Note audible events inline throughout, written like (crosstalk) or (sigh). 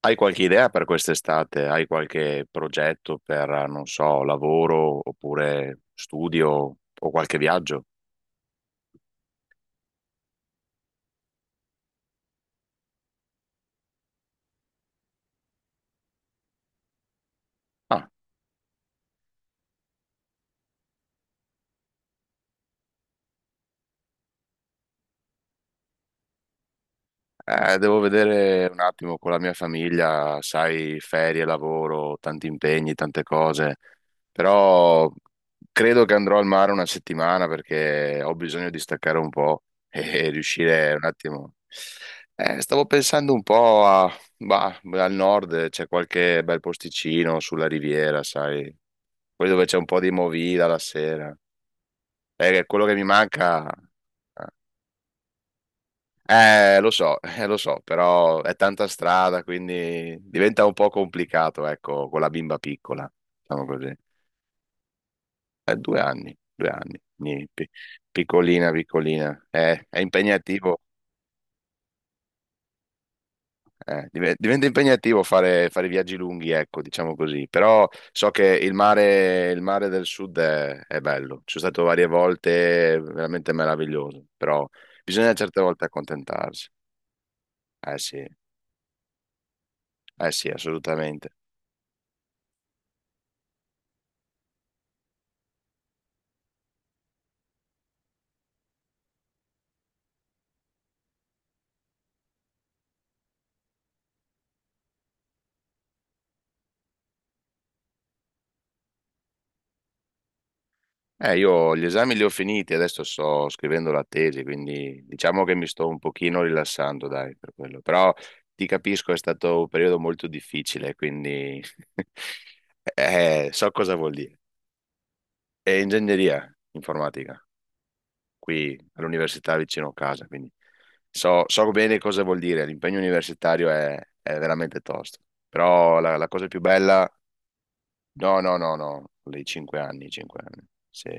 Hai qualche idea per quest'estate? Hai qualche progetto per, non so, lavoro oppure studio o qualche viaggio? Ah, devo vedere un attimo con la mia famiglia, sai, ferie, lavoro, tanti impegni, tante cose, però credo che andrò al mare una settimana perché ho bisogno di staccare un po' e (laughs) riuscire un attimo. Stavo pensando un po' bah, al nord, c'è qualche bel posticino sulla riviera, sai. Poi dove c'è un po' di movida la sera. È quello che mi manca. Lo so, (laughs) lo so, però è tanta strada, quindi diventa un po' complicato, ecco, con la bimba piccola, diciamo così. È 2 anni, 2 anni, quindi piccolina, piccolina. È impegnativo. Diventa impegnativo fare viaggi lunghi, ecco, diciamo così, però so che il mare del sud è bello, ci sono stato varie volte, è veramente meraviglioso, però bisogna certe volte accontentarsi. Eh sì, eh sì, assolutamente. Io gli esami li ho finiti, adesso sto scrivendo la tesi, quindi diciamo che mi sto un pochino rilassando, dai, per quello, però ti capisco, è stato un periodo molto difficile, quindi (laughs) so cosa vuol dire. È ingegneria informatica, qui all'università vicino a casa, quindi so bene cosa vuol dire, l'impegno universitario è veramente tosto, però la cosa più bella, no, no, no, no, i 5 anni, i 5 anni, se,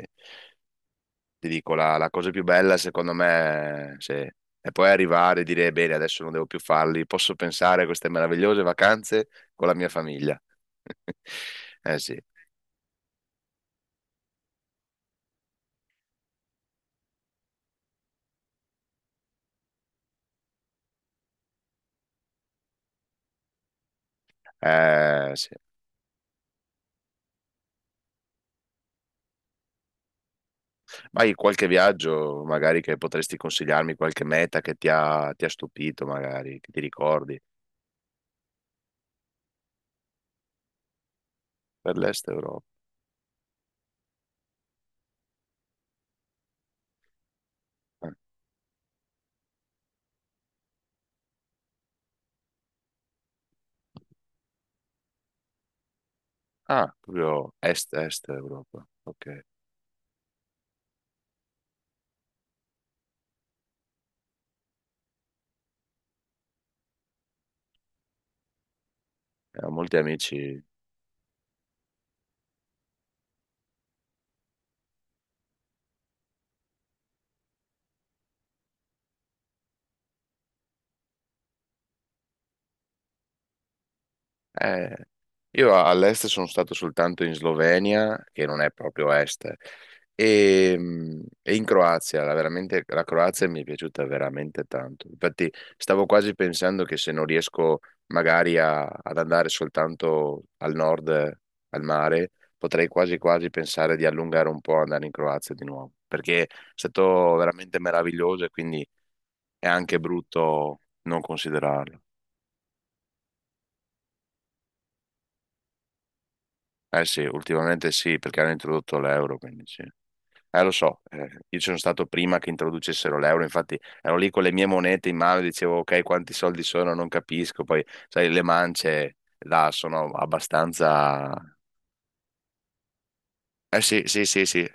ti dico, la cosa più bella secondo me se, è poi arrivare e dire, bene, adesso non devo più farli, posso pensare a queste meravigliose vacanze con la mia famiglia. (laughs) Eh sì. Sì. Hai qualche viaggio magari che potresti consigliarmi, qualche meta che ti ha stupito magari, che ti ricordi per l'Est Europa? Ah, proprio Est-Est Europa. Ok, eh, ho molti amici. Eh, io all'est sono stato soltanto in Slovenia, che non è proprio est, e in Croazia. Veramente, la Croazia mi è piaciuta veramente tanto. Infatti, stavo quasi pensando che se non riesco magari ad andare soltanto al nord, al mare, potrei quasi quasi pensare di allungare un po' e andare in Croazia di nuovo, perché è stato veramente meraviglioso e quindi è anche brutto non considerarlo. Eh sì, ultimamente sì, perché hanno introdotto l'euro, quindi sì. Lo so, io ci sono stato prima che introducessero l'euro, infatti ero lì con le mie monete in mano e dicevo, ok, quanti soldi sono, non capisco, poi, sai, le mance là sono abbastanza. Eh sì, sì, sì, sì,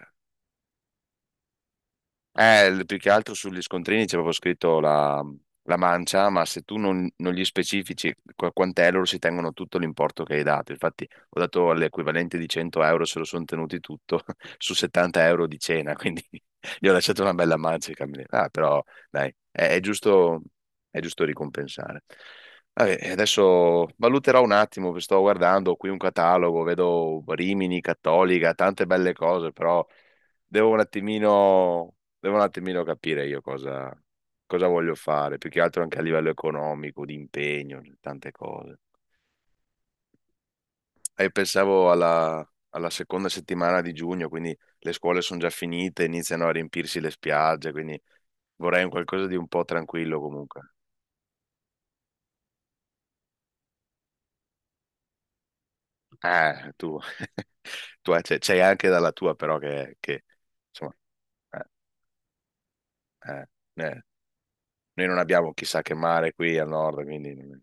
eh, più che altro sugli scontrini c'è proprio scritto la mancia, ma se tu non gli specifici quant'è, loro si tengono tutto l'importo che hai dato. Infatti, ho dato l'equivalente di 100 euro, se lo sono tenuti tutto (laughs) su 70 euro di cena, quindi (laughs) gli ho lasciato una bella mancia ai camerieri. Ah, però dai, è giusto, è giusto ricompensare. Vabbè, e adesso valuterò un attimo, perché sto guardando qui un catalogo, vedo Rimini, Cattolica, tante belle cose, però devo un attimino devo un attimino capire io cosa voglio fare, più che altro anche a livello economico, di impegno, tante cose. E pensavo alla seconda settimana di giugno, quindi le scuole sono già finite, iniziano a riempirsi le spiagge, quindi vorrei un qualcosa di un po' tranquillo comunque. Tu, (laughs) tu c'è anche dalla tua però che insomma, eh, eh, eh, noi non abbiamo chissà che mare qui al nord, quindi...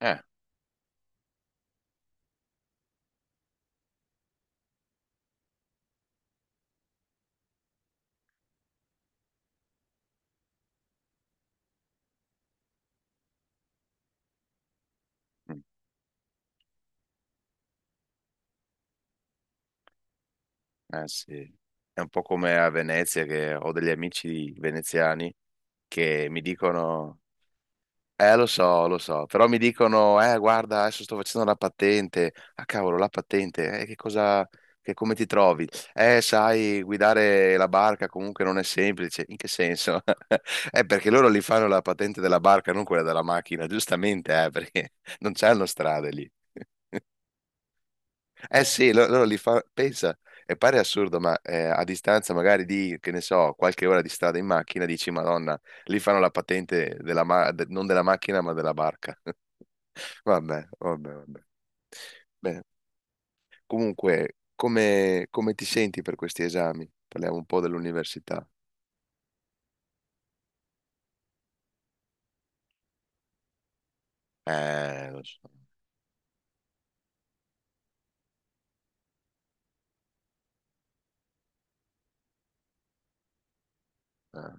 eh, mm. Eh sì, è un po' come a Venezia che ho degli amici veneziani che mi dicono, lo so, però mi dicono, guarda, adesso sto facendo la patente, ah cavolo, la patente, che cosa, che come ti trovi? Sai, guidare la barca comunque non è semplice, in che senso? (laughs) Perché loro li fanno la patente della barca, non quella della macchina, giustamente, perché (laughs) non c'hanno strade lì. Eh sì, loro li fa, pensa, e pare assurdo, ma a distanza magari di, che ne so, qualche ora di strada in macchina, dici, Madonna, lì fanno la patente della non della macchina, ma della barca. (laughs) Vabbè, vabbè, vabbè. Bene. Comunque, come ti senti per questi esami? Parliamo un po' dell'università. Lo so. Eh,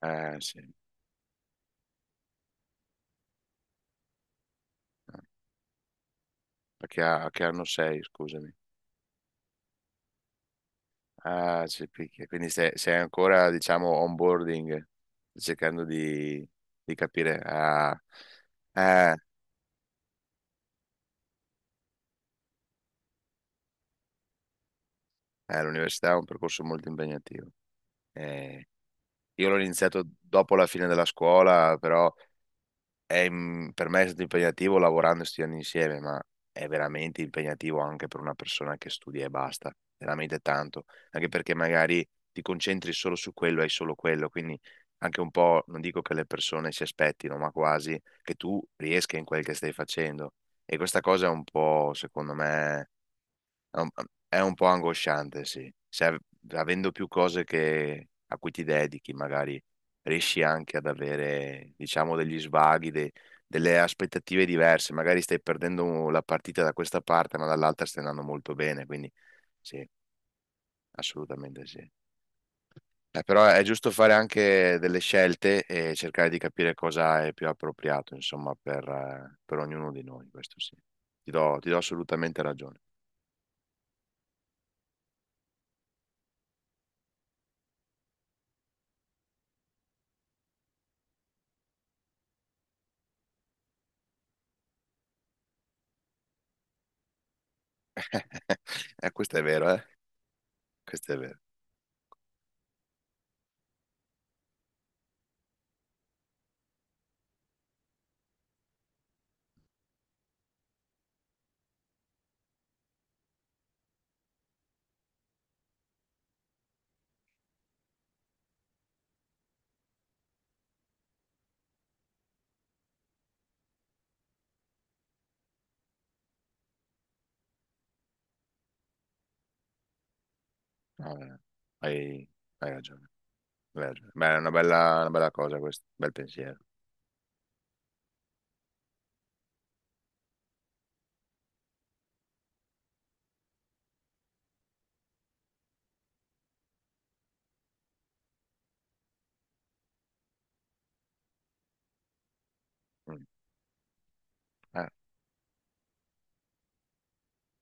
eh, sì, perché, che anno sei, scusami? Ah, c'è il picchio. Quindi sei ancora, diciamo, onboarding, cercando di capire. Ah, eh, l'università è un percorso molto impegnativo. Eh, io l'ho iniziato dopo la fine della scuola, però per me è stato impegnativo lavorando e studiando insieme, ma è veramente impegnativo anche per una persona che studia e basta, veramente tanto, anche perché magari ti concentri solo su quello, e hai solo quello, quindi anche un po', non dico che le persone si aspettino, ma quasi che tu riesca in quel che stai facendo. E questa cosa è un po', secondo me, è un, è un po' angosciante, sì. Se av- Avendo più cose a cui ti dedichi, magari riesci anche ad avere, diciamo, degli svaghi, delle aspettative diverse. Magari stai perdendo la partita da questa parte, ma dall'altra stai andando molto bene. Quindi sì, assolutamente sì. Però è giusto fare anche delle scelte e cercare di capire cosa è più appropriato, insomma, per ognuno di noi. Questo sì. Ti do assolutamente ragione. (laughs) Questo è vero, eh? Questo è vero. No, hai, hai ragione, hai ragione. Beh, è una bella cosa questo, bel pensiero. Mm. Eh,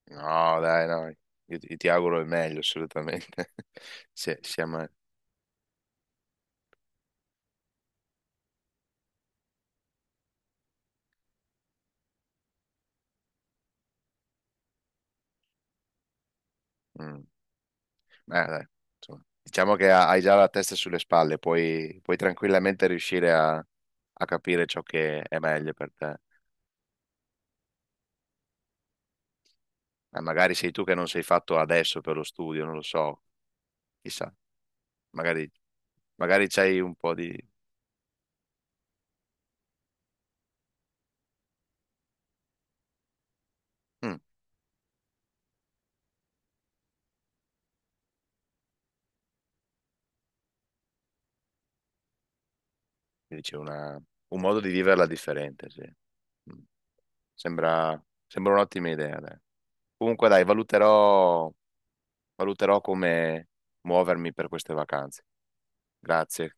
no, dai, no, io ti auguro il meglio, assolutamente. (laughs) Siamo. Mm. Beh, dai, insomma, diciamo che hai già la testa sulle spalle, puoi tranquillamente riuscire a capire ciò che è meglio per te. Magari sei tu che non sei fatto adesso per lo studio, non lo so, chissà, magari, magari c'hai un po' di. Mm. Quindi c'è un modo di viverla differente, sì. Mm. Sembra, sembra un'ottima idea, dai. Comunque, dai, valuterò come muovermi per queste vacanze. Grazie.